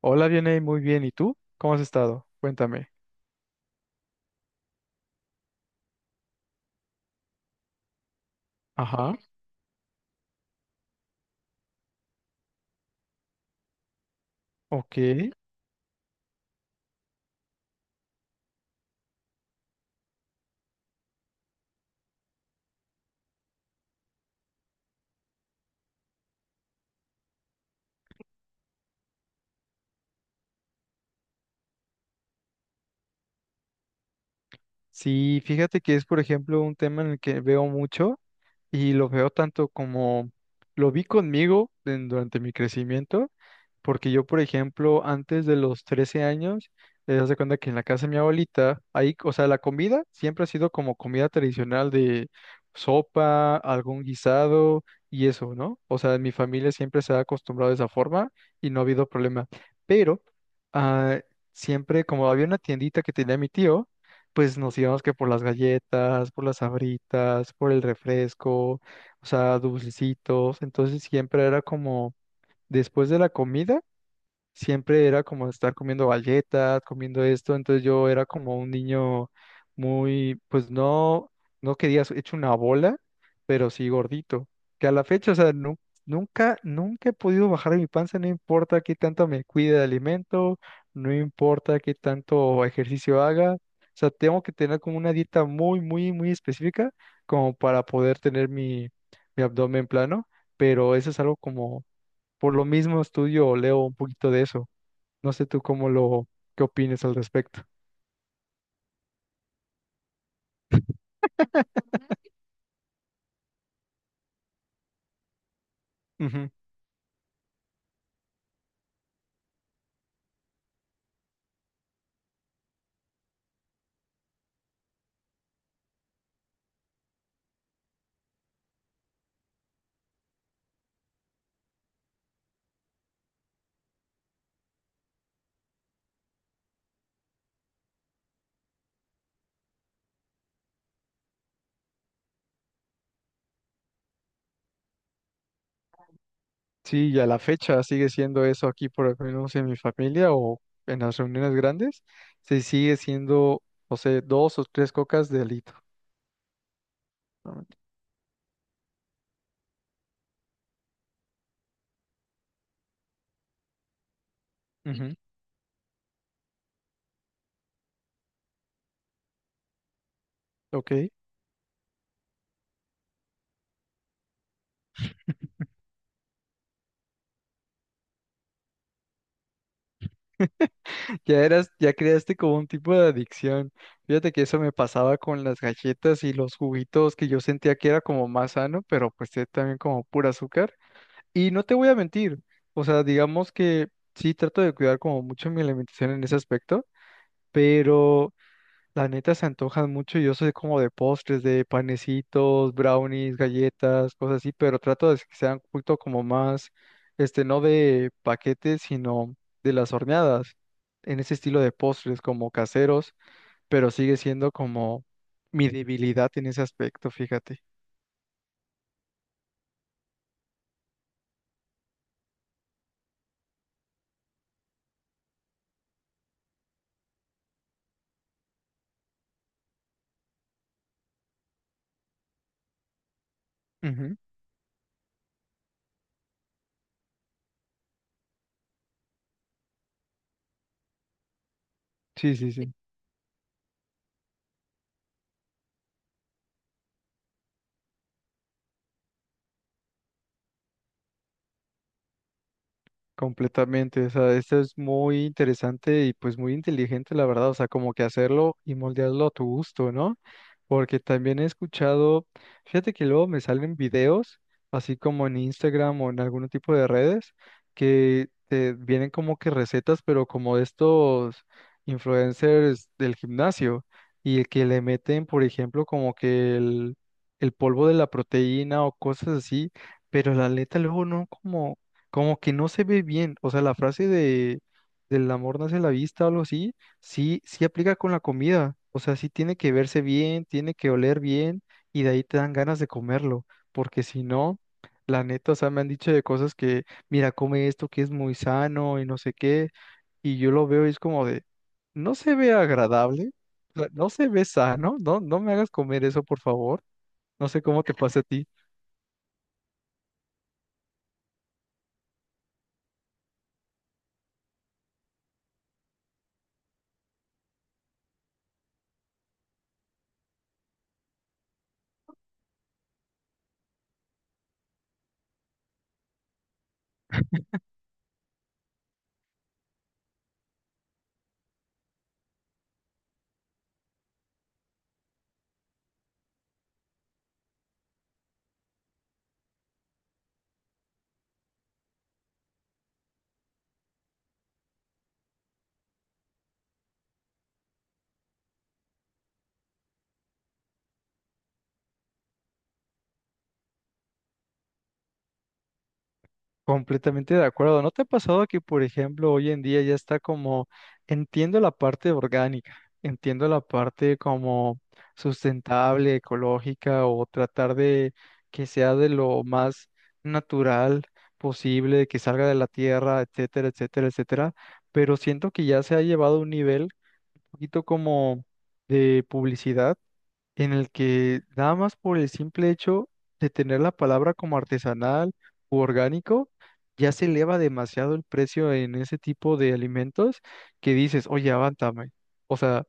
Hola, Vianey, muy bien. ¿Y tú? ¿Cómo has estado? Cuéntame. Ajá. Ok. Sí, fíjate que es, por ejemplo, un tema en el que veo mucho y lo veo tanto como lo vi conmigo durante mi crecimiento. Porque yo, por ejemplo, antes de los 13 años, haz de cuenta que en la casa de mi abuelita, ahí, o sea, la comida siempre ha sido como comida tradicional de sopa, algún guisado y eso, ¿no? O sea, en mi familia siempre se ha acostumbrado de esa forma y no ha habido problema. Pero ah, siempre, como había una tiendita que tenía mi tío, pues nos íbamos que por las galletas, por las sabritas, por el refresco, o sea, dulcecitos. Entonces siempre era como después de la comida siempre era como estar comiendo galletas, comiendo esto, entonces yo era como un niño muy, pues no, no quería hecho una bola, pero sí gordito, que a la fecha, o sea, nunca, nunca he podido bajar de mi panza, no importa qué tanto me cuide de alimento, no importa qué tanto ejercicio haga, o sea, tengo que tener como una dieta muy, muy, muy específica como para poder tener mi abdomen plano, pero eso es algo como por lo mismo estudio o leo un poquito de eso. No sé tú, qué opines al respecto. Ujú. Sí, y a la fecha sigue siendo eso aquí, por lo menos en mi familia o en las reuniones grandes, se sigue siendo, no sé, dos o tres cocas de alito. Ah, ujú. Ok, ya eras, ya creaste como un tipo de adicción. Fíjate que eso me pasaba con las galletas y los juguitos que yo sentía que era como más sano, pero pues también como pura azúcar. Y no te voy a mentir, o sea, digamos que sí trato de cuidar como mucho mi alimentación en ese aspecto, pero la neta se antojan mucho y yo soy como de postres, de panecitos, brownies, galletas, cosas así, pero trato de que sean un poquito como más, no de paquetes, sino de las horneadas, en ese estilo de postres como caseros, pero sigue siendo como mi debilidad en ese aspecto, fíjate. Ujú. Sí, sí, sí. Completamente, o sea, esto es muy interesante y pues muy inteligente, la verdad, o sea, como que hacerlo y moldearlo a tu gusto, ¿no? Porque también he escuchado, fíjate que luego me salen videos, así como en Instagram o en algún tipo de redes, que te vienen como que recetas, pero como de estos influencers del gimnasio, y que le meten, por ejemplo, como que el polvo de la proteína o cosas así, pero la neta luego no, como, como que no se ve bien. O sea, la frase de del amor nace a la vista o algo así. Sí, sí aplica con la comida. O sea, sí tiene que verse bien, tiene que oler bien y de ahí te dan ganas de comerlo. Porque si no, la neta, o sea, me han dicho de cosas que, mira, come esto que es muy sano y no sé qué. Y yo lo veo y es como de, no se ve agradable, o sea, no se ve sano, no, no me hagas comer eso, por favor. No sé cómo te pasa a ti. Completamente de acuerdo. ¿No te ha pasado que, por ejemplo, hoy en día ya está como, entiendo la parte orgánica, entiendo la parte como sustentable, ecológica o tratar de que sea de lo más natural posible, que salga de la tierra, etcétera, etcétera, etcétera? Pero siento que ya se ha llevado a un nivel un poquito como de publicidad en el que nada más por el simple hecho de tener la palabra como artesanal u orgánico, ya se eleva demasiado el precio en ese tipo de alimentos que dices, oye, avántame. O sea,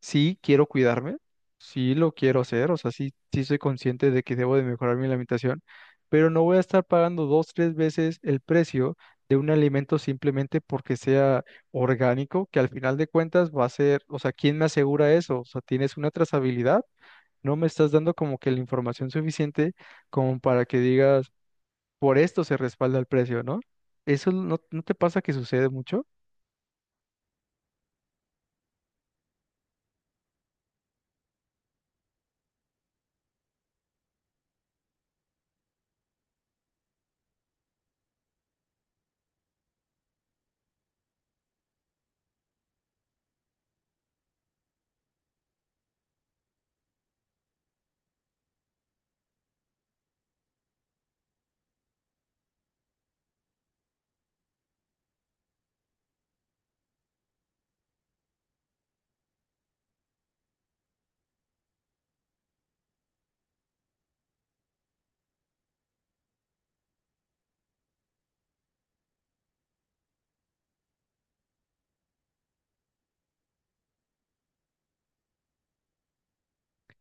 sí quiero cuidarme, sí lo quiero hacer, o sea, sí, sí soy consciente de que debo de mejorar mi alimentación, pero no voy a estar pagando dos, tres veces el precio de un alimento simplemente porque sea orgánico, que al final de cuentas va a ser, o sea, ¿quién me asegura eso? O sea, ¿tienes una trazabilidad? No me estás dando como que la información suficiente como para que digas, por esto se respalda el precio, ¿no? ¿Eso no, no te pasa que sucede mucho?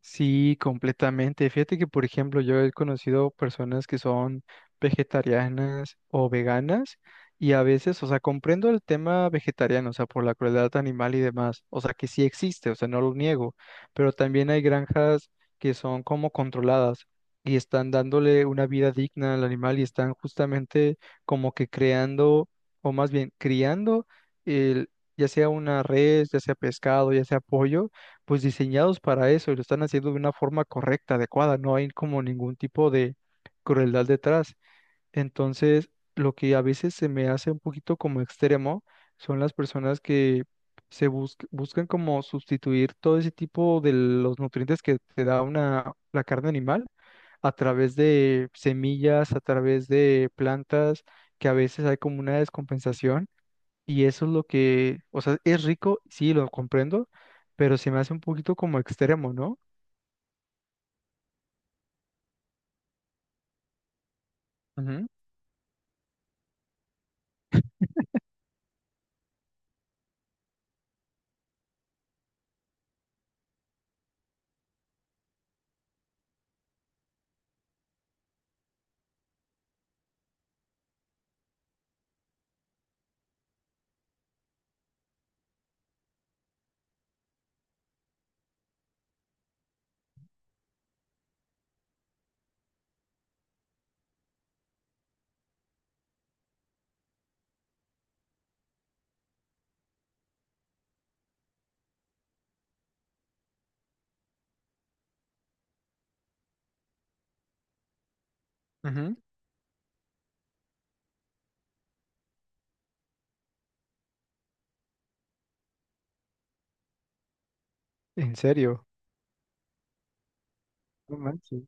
Sí, completamente. Fíjate que, por ejemplo, yo he conocido personas que son vegetarianas o veganas y a veces, o sea, comprendo el tema vegetariano, o sea, por la crueldad animal y demás, o sea, que sí existe, o sea, no lo niego, pero también hay granjas que son como controladas y están dándole una vida digna al animal y están justamente como que creando, o más bien criando, el, ya sea una res, ya sea pescado, ya sea pollo, pues diseñados para eso y lo están haciendo de una forma correcta, adecuada, no hay como ningún tipo de crueldad detrás. Entonces, lo que a veces se me hace un poquito como extremo son las personas que buscan como sustituir todo ese tipo de los nutrientes que te da la carne animal a través de semillas, a través de plantas, que a veces hay como una descompensación y eso es lo que, o sea, es rico, sí, lo comprendo, pero se me hace un poquito como extremo, ¿no? Ujú, ujú. ¿En serio? No manches.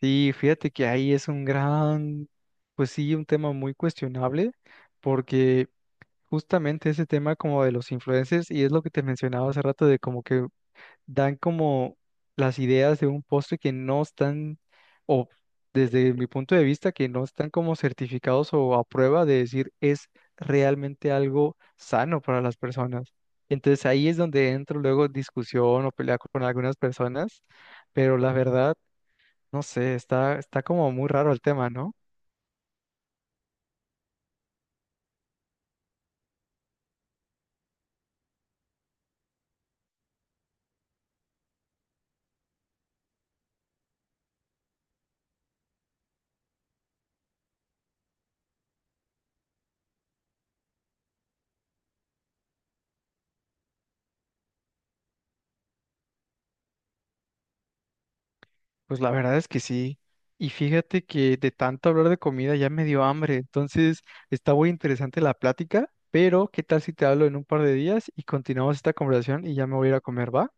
Sí, fíjate que ahí es un gran, pues sí, un tema muy cuestionable, porque justamente ese tema como de los influencers, y es lo que te mencionaba hace rato, de como que dan como las ideas de un postre que no están, o desde mi punto de vista, que no están como certificados o a prueba de decir es realmente algo sano para las personas. Entonces ahí es donde entro luego en discusión o pelea con algunas personas, pero la verdad, no sé, está, está como muy raro el tema, ¿no? Pues la verdad es que sí. Y fíjate que de tanto hablar de comida ya me dio hambre. Entonces está muy interesante la plática, pero ¿qué tal si te hablo en un par de días y continuamos esta conversación y ya me voy a ir a comer, ¿va?